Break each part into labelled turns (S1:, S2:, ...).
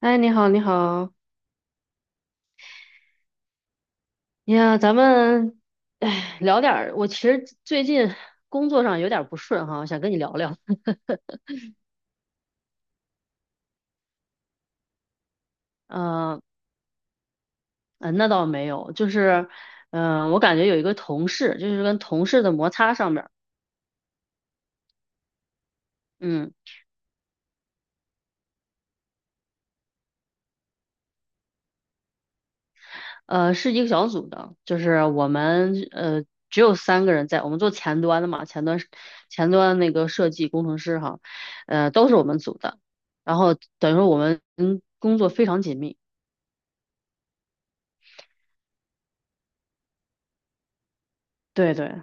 S1: 哎，你好，你好，哎呀，哎，聊点儿。我其实最近工作上有点儿不顺哈，想跟你聊聊。嗯、那倒没有，就是，我感觉有一个同事，就是跟同事的摩擦上面儿。嗯，是一个小组的，就是我们只有3个人在，我们做前端的嘛，前端那个设计工程师哈，都是我们组的，然后等于说我们工作非常紧密，对对，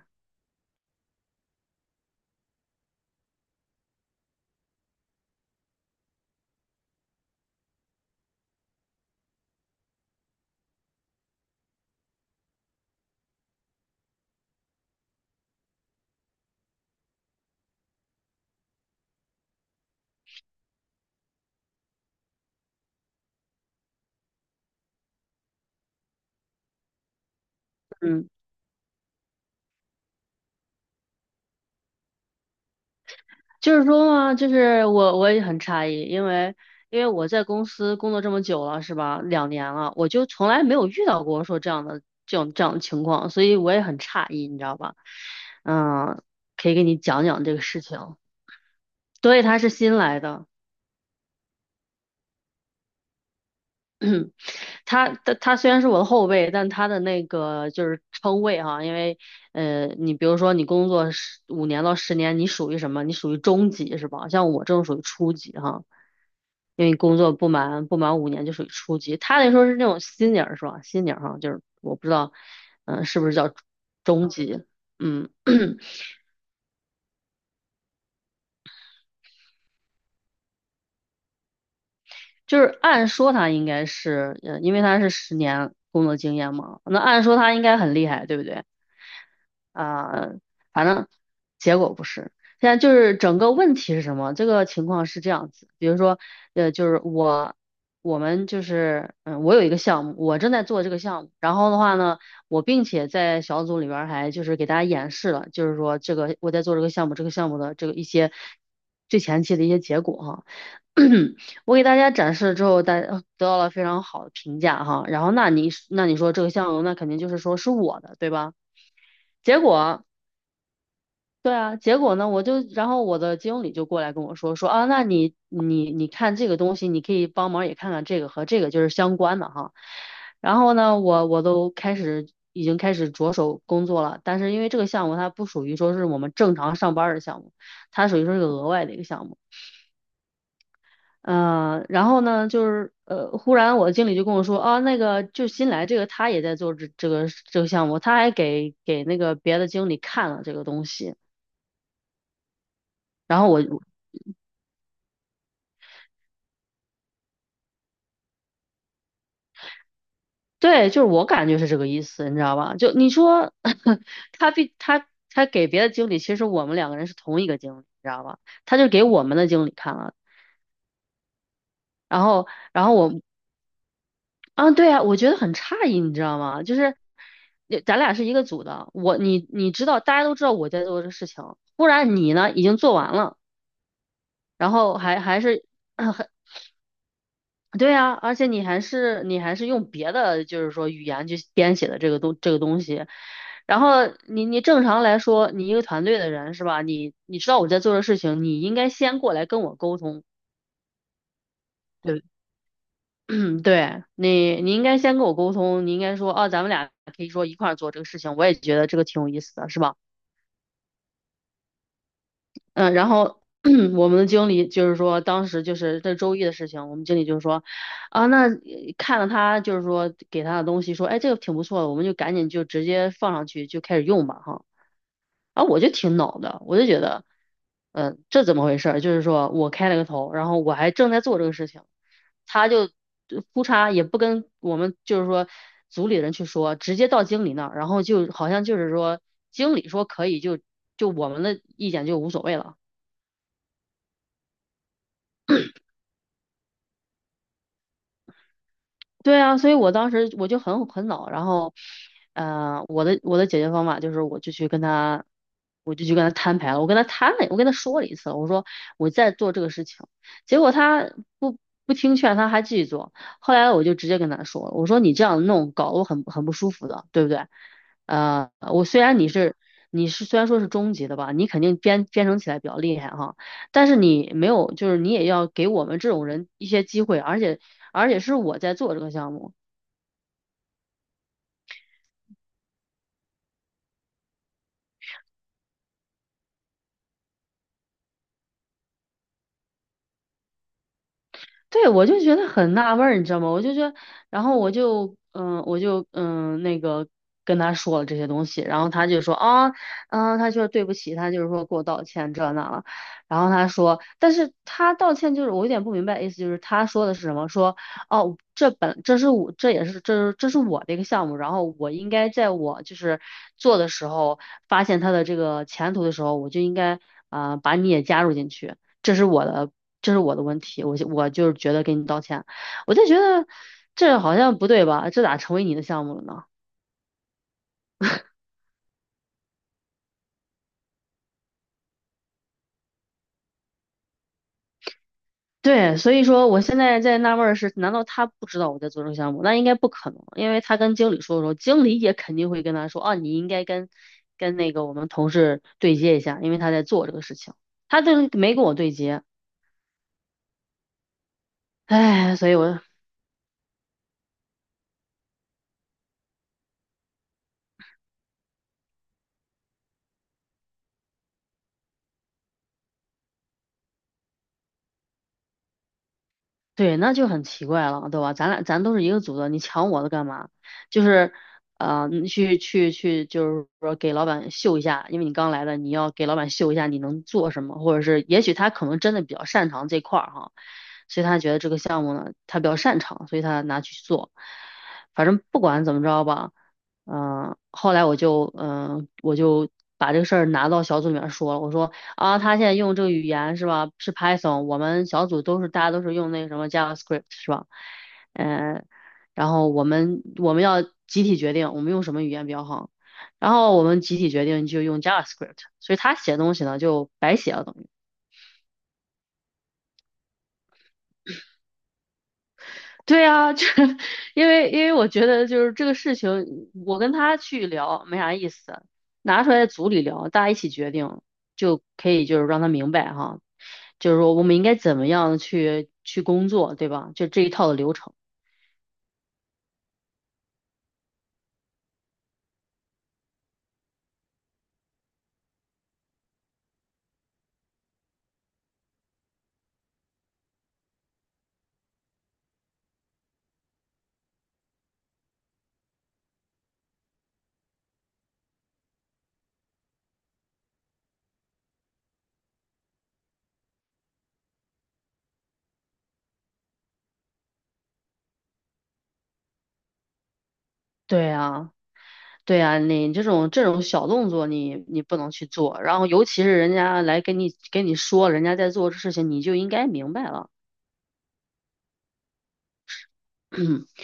S1: 嗯。就是说嘛，就是我也很诧异，因为我在公司工作这么久了，是吧？2年了，我就从来没有遇到过说这样的情况，所以我也很诧异，你知道吧？嗯，可以给你讲讲这个事情。对，他是新来的。他虽然是我的后辈，但他的那个就是称谓哈，因为你比如说你工作15年到十年，你属于什么？你属于中级是吧？像我这种属于初级哈，因为工作不满五年就属于初级。他那时候是那种新 e n 是吧，新 e n 哈，就是我不知道，是不是叫中级？嗯，就是按说他应该是，因为他是十年工作经验嘛，那按说他应该很厉害，对不对？啊、反正结果不是。现在就是整个问题是什么？这个情况是这样子，比如说，呃，就是我，我们就是，嗯，我有一个项目，我正在做这个项目，然后的话呢，我并且在小组里边儿还就是给大家演示了，就是说这个我在做这个项目，这个项目的这个一些最前期的一些结果哈。我给大家展示了之后，大家得到了非常好的评价哈。然后那你说这个项目，那肯定就是说是我的，对吧？结果。对啊，结果呢，我就，然后我的经理就过来跟我说，说啊，那你看这个东西，你可以帮忙也看看这个和这个就是相关的哈。然后呢，我开始，已经开始着手工作了，但是因为这个项目它不属于说是我们正常上班儿的项目，它属于说是个额外的一个项目。然后呢，就是忽然我的经理就跟我说，啊，那个就新来这个他也在做这个这个项目，他还给那个别的经理看了这个东西。对，就是我感觉是这个意思，你知道吧？就你说 他比他他给别的经理，其实我们两个人是同一个经理，你知道吧？他就给我们的经理看了，然后然后啊，对啊，我觉得很诧异，你知道吗？就是咱俩是一个组的，你知道，大家都知道我在做这个事情，忽然你呢已经做完了，然后还是。 对呀，而且你还是用别的，就是说语言去编写的这个东西，然后你正常来说，你一个团队的人是吧？你知道我在做的事情，你应该先过来跟我沟通，对， 对你应该先跟我沟通，你应该说啊，咱们俩可以说一块儿做这个事情，我也觉得这个挺有意思的，是吧？嗯，然后 我们的经理就是说，当时就是这周一的事情，我们经理就是说，啊，那看了他就是说给他的东西，说，哎，这个挺不错的，我们就赶紧就直接放上去就开始用吧，哈。啊，我就挺恼的，我就觉得，嗯，这怎么回事儿？就是说我开了个头，然后我还正在做这个事情，他就呼嚓也不跟我们就是说组里人去说，直接到经理那儿，然后就好像就是说经理说可以就我们的意见就无所谓了。对啊，所以我当时我就很恼，然后，我的解决方法就是，我就去跟他摊牌了，我跟他摊了，我跟他说了一次，我说我在做这个事情，结果他不不听劝，他还继续做，后来我就直接跟他说了，我说你这样弄搞得我很不舒服的，对不对？我虽然你是虽然说是中级的吧，你肯定编程起来比较厉害哈，但是你没有，就是你也要给我们这种人一些机会，而且。而且是我在做这个项目。对，我就觉得很纳闷儿，你知道吗？我就觉得，然后我就，嗯、我就，嗯、那个跟他说了这些东西，然后他就说啊，他说对不起，他就是说给我道歉这那了，然后他说，但是他道歉就是我有点不明白，意思就是他说的是什么？说哦，这本这是我这也是这是这是我的一个项目，然后我应该在我就是做的时候发现他的这个前途的时候，我就应该把你也加入进去。这是我的，这是我的问题，我就是觉得给你道歉，我就觉得这好像不对吧？这咋成为你的项目了呢？对，所以说我现在在纳闷儿是，难道他不知道我在做这个项目？那应该不可能，因为他跟经理说的时候，经理也肯定会跟他说，啊，你应该跟那个我们同事对接一下，因为他在做这个事情，他就是没跟我对接，哎，所以对，那就很奇怪了，对吧？咱俩咱都是一个组的，你抢我的干嘛？就是，你去，就是说给老板秀一下，因为你刚来的，你要给老板秀一下你能做什么，或者是也许他可能真的比较擅长这块儿哈，所以他觉得这个项目呢，他比较擅长，所以他拿去做。反正不管怎么着吧，后来我就我就把这个事儿拿到小组里面说了，我说。啊，他现在用这个语言是吧？是 Python,我们小组大家都是用那个什么 JavaScript 是吧？嗯、然后我们要集体决定我们用什么语言比较好，然后我们集体决定就用 JavaScript,所以他写东西呢就白写了等于。对啊，这 因为我觉得就是这个事情，我跟他去聊没啥意思，拿出来组里聊，大家一起决定就可以，就是让他明白哈，就是说我们应该怎么样去工作，对吧？就这一套的流程。对啊，对啊，你这种小动作你，你不能去做，然后尤其是人家来跟你说人家在做这事情，你就应该明白了。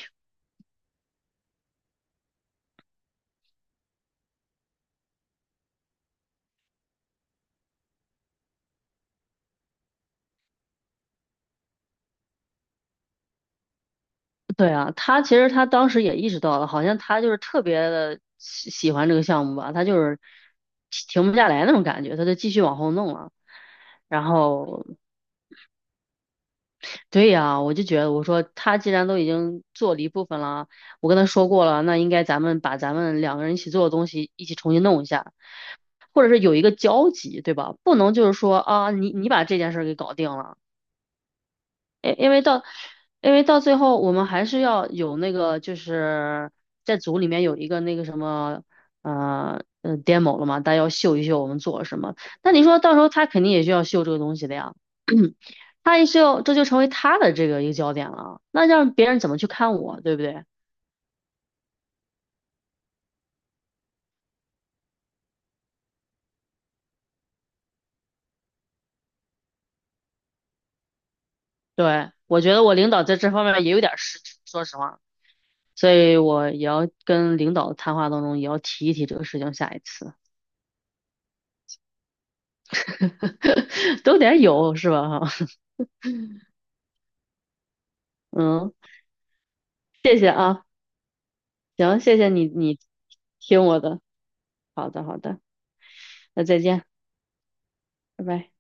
S1: 对啊，他其实他当时也意识到了，好像他就是特别的喜欢这个项目吧，他就是停不下来那种感觉，他就继续往后弄了。然后，对呀，我就觉得我说他既然都已经做了一部分了，我跟他说过了，那应该咱们把咱们两个人一起做的东西一起重新弄一下，或者是有一个交集，对吧？不能就是说啊，你你把这件事儿给搞定了。因因为到，因为到最后我们还是要有那个，就是在组里面有一个那个什么，demo 了嘛，大家要秀一秀我们做了什么。那你说到时候他肯定也需要秀这个东西的呀，他也是要，这就成为他的这个一个焦点了。那让别人怎么去看我，对不对？对，我觉得我领导在这方面也有点失职，说实话，所以我也要跟领导谈话当中也要提一提这个事情，下一次 都得有是吧？哈，嗯。谢谢啊，行，谢谢你，你听我的，好的，好的，那再见，拜拜。